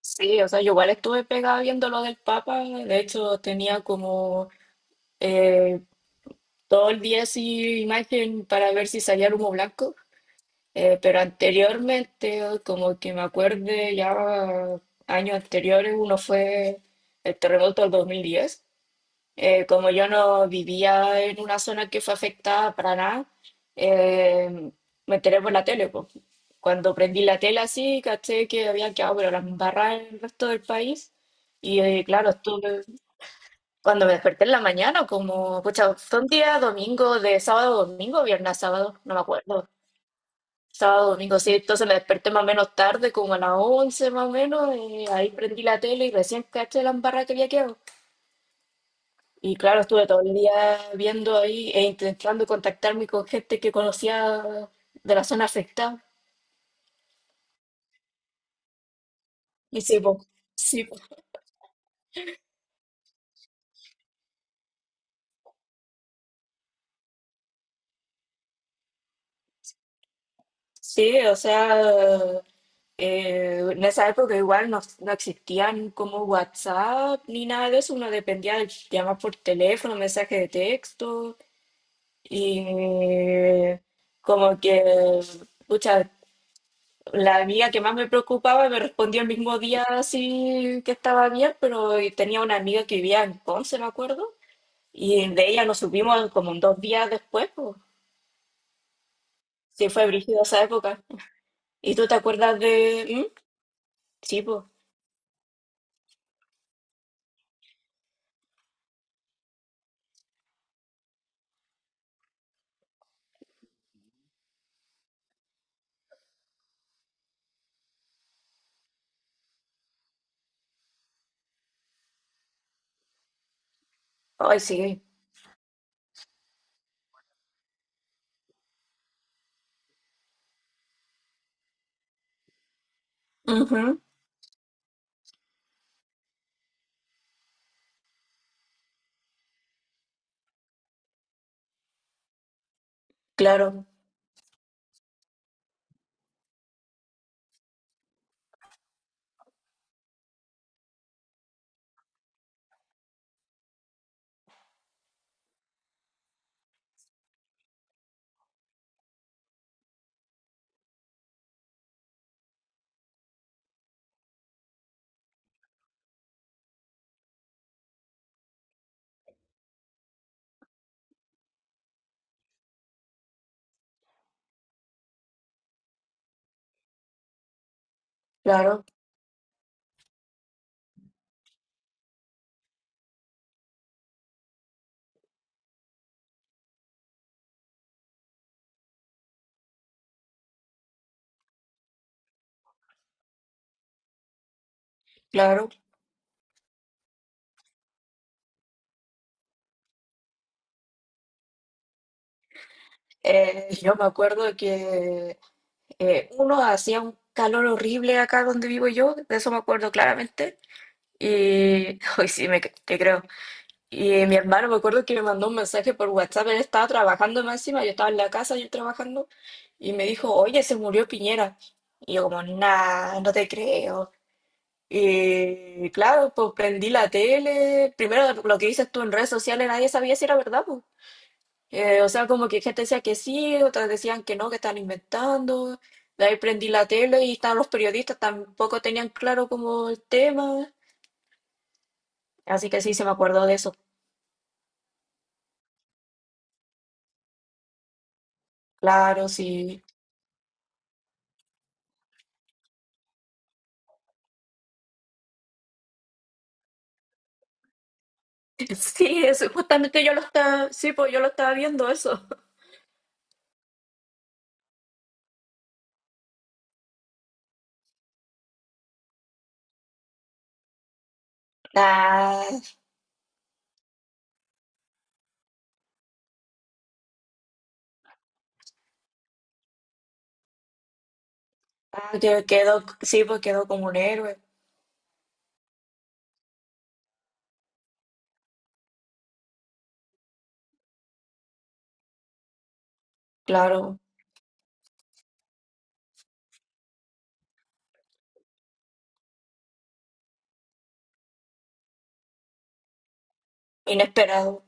Sí, o sea, yo igual estuve pegada viendo lo del Papa, de hecho tenía como eh, todo el día así imagen para ver si salía el humo blanco. Pero anteriormente, como que me acuerde ya años anteriores, uno fue el terremoto del 2010. Como yo no vivía en una zona que fue afectada para nada, eh, me enteré por la tele, po. Cuando prendí la tele así, caché que había quedado, pero las barras en el resto del país. Y claro, estuve, cuando me desperté en la mañana, como, pucha, fue un día domingo, de sábado a domingo, viernes a sábado, no me acuerdo. Sábado, domingo, sí, entonces me desperté más o menos tarde, como a las 11 más o menos, y ahí prendí la tele y recién caché la embarrada que había quedado. Y claro, estuve todo el día viendo ahí e intentando contactarme con gente que conocía de la zona afectada. Y sí, po, sí, po. Sí, o sea, en esa época igual no, no existían como WhatsApp ni nada de eso, uno dependía de llamar por teléfono, mensaje de texto, y como que, pucha, la amiga que más me preocupaba me respondió el mismo día así que estaba bien, pero y tenía una amiga que vivía en Ponce, me acuerdo, y de ella nos supimos como un 2 días después, pues. Sí, fue brígida esa época. ¿Y tú te acuerdas de...? ¿Mm? Sí, pues. Ay, sí. Ujú. Claro, claro, claro. Yo me acuerdo que uno hacía un calor horrible acá donde vivo yo, de eso me acuerdo claramente. Y hoy sí, me, te creo. Y mi hermano me acuerdo que me mandó un mensaje por WhatsApp, él estaba trabajando más encima, yo estaba en la casa, yo trabajando, y me dijo, oye, se murió Piñera. Y yo como, nah, no te creo. Y claro, pues prendí la tele, primero lo que dices tú en redes sociales, nadie sabía si era verdad, pues. O sea, como que gente decía que sí, otras decían que no, que están inventando. De ahí prendí la tele y estaban los periodistas, tampoco tenían claro como el tema. Así que sí, se me acordó de eso. Claro, sí. Sí, eso, justamente yo lo estaba, sí, pues yo lo estaba viendo eso. Ah, ah, que quedó, sí, pues quedó como un héroe, claro, inesperado.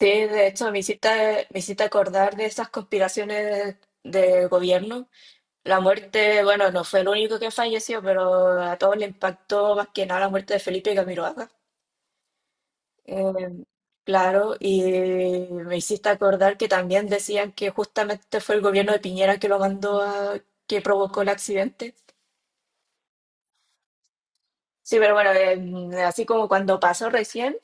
Sí, de hecho, me hiciste acordar de esas conspiraciones del gobierno. La muerte, bueno, no fue el único que falleció, pero a todos le impactó más que nada la muerte de Felipe Camiroaga. Eh, claro, y me hiciste acordar que también decían que justamente fue el gobierno de Piñera que lo mandó a, que provocó el accidente. Sí, pero bueno, así como cuando pasó recién,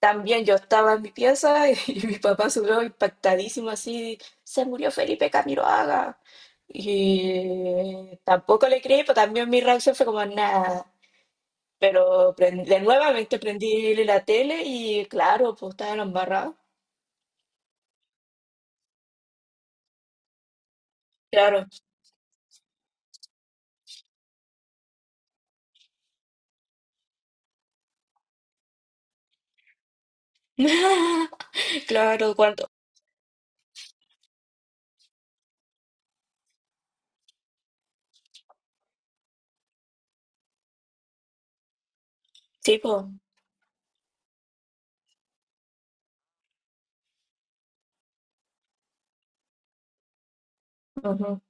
también yo estaba en mi pieza y, mi papá subió impactadísimo así, se murió Felipe Camiroaga. Y tampoco le creí, pero también mi reacción fue como nada. Pero de nuevamente prendí la tele y claro, pues estaba en la embarrada. Claro, claro, cuánto. Sí, pues. Ujú.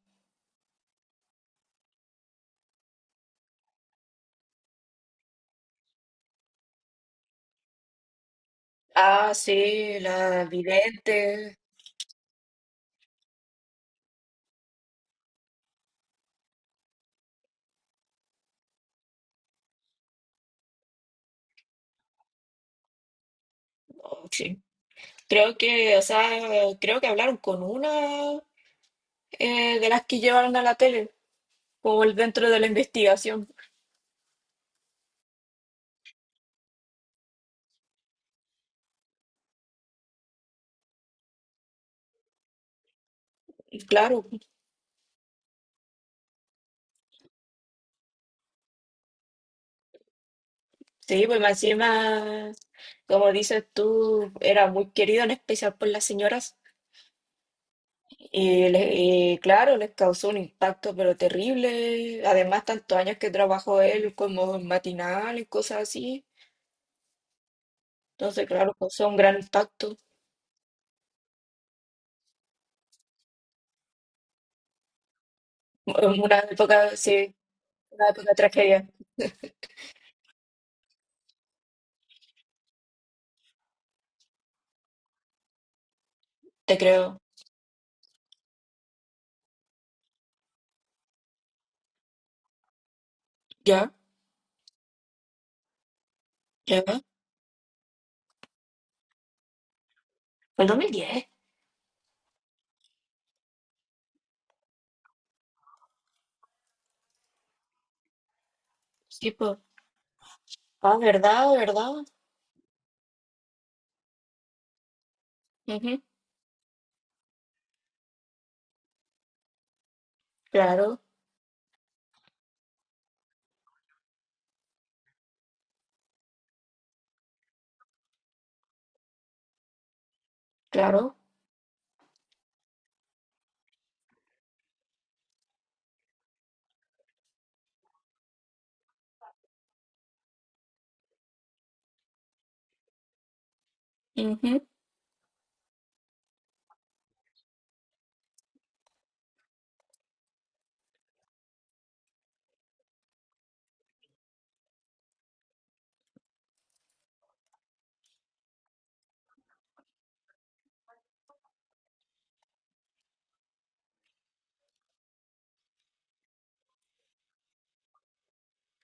Ah, sí, la vidente. Oh, sí. Creo que, o sea, creo que hablaron con una de las que llevaron a la tele, como el dentro de la investigación. Y claro, sí, pues más encima, como dices tú, era muy querido, en especial por las señoras. Y, y claro, les causó un impacto, pero terrible. Además, tantos años que trabajó él como en matinal y cosas así. Entonces, claro, causó un gran impacto. Una época, sí, una época de tragedia, te creo. ¿Ya? ¿Ya? ¿El 2010? Sí, pues, ah, verdad, verdad. Ujú, claro, claro. Ujú.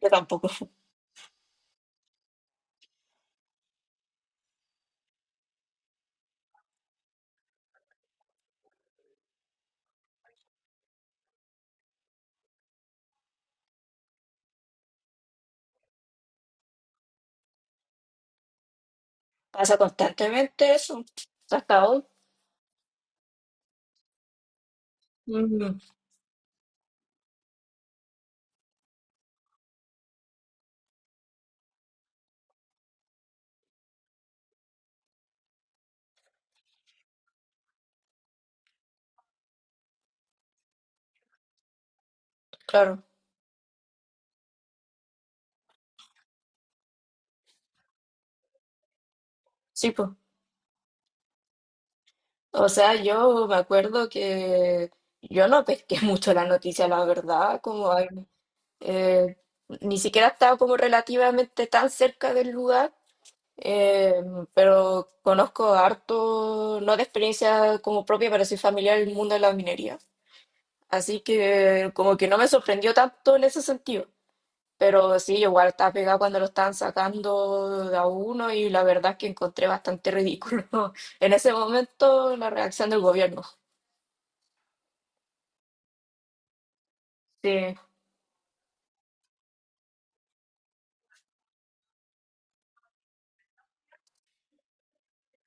Yo tampoco. Pasa constantemente eso, hasta hoy. Mm, claro, sí, pues. O sea, yo me acuerdo que yo no pesqué mucho la noticia, la verdad, como ay, eh, ni siquiera estaba como relativamente tan cerca del lugar, eh, pero conozco harto, no de experiencia como propia, pero soy familiar del mundo de la minería. Así que como que no me sorprendió tanto en ese sentido. Pero sí, yo igual estaba pegada cuando lo estaban sacando de a uno y la verdad es que encontré bastante ridículo en ese momento la reacción del gobierno. Sí.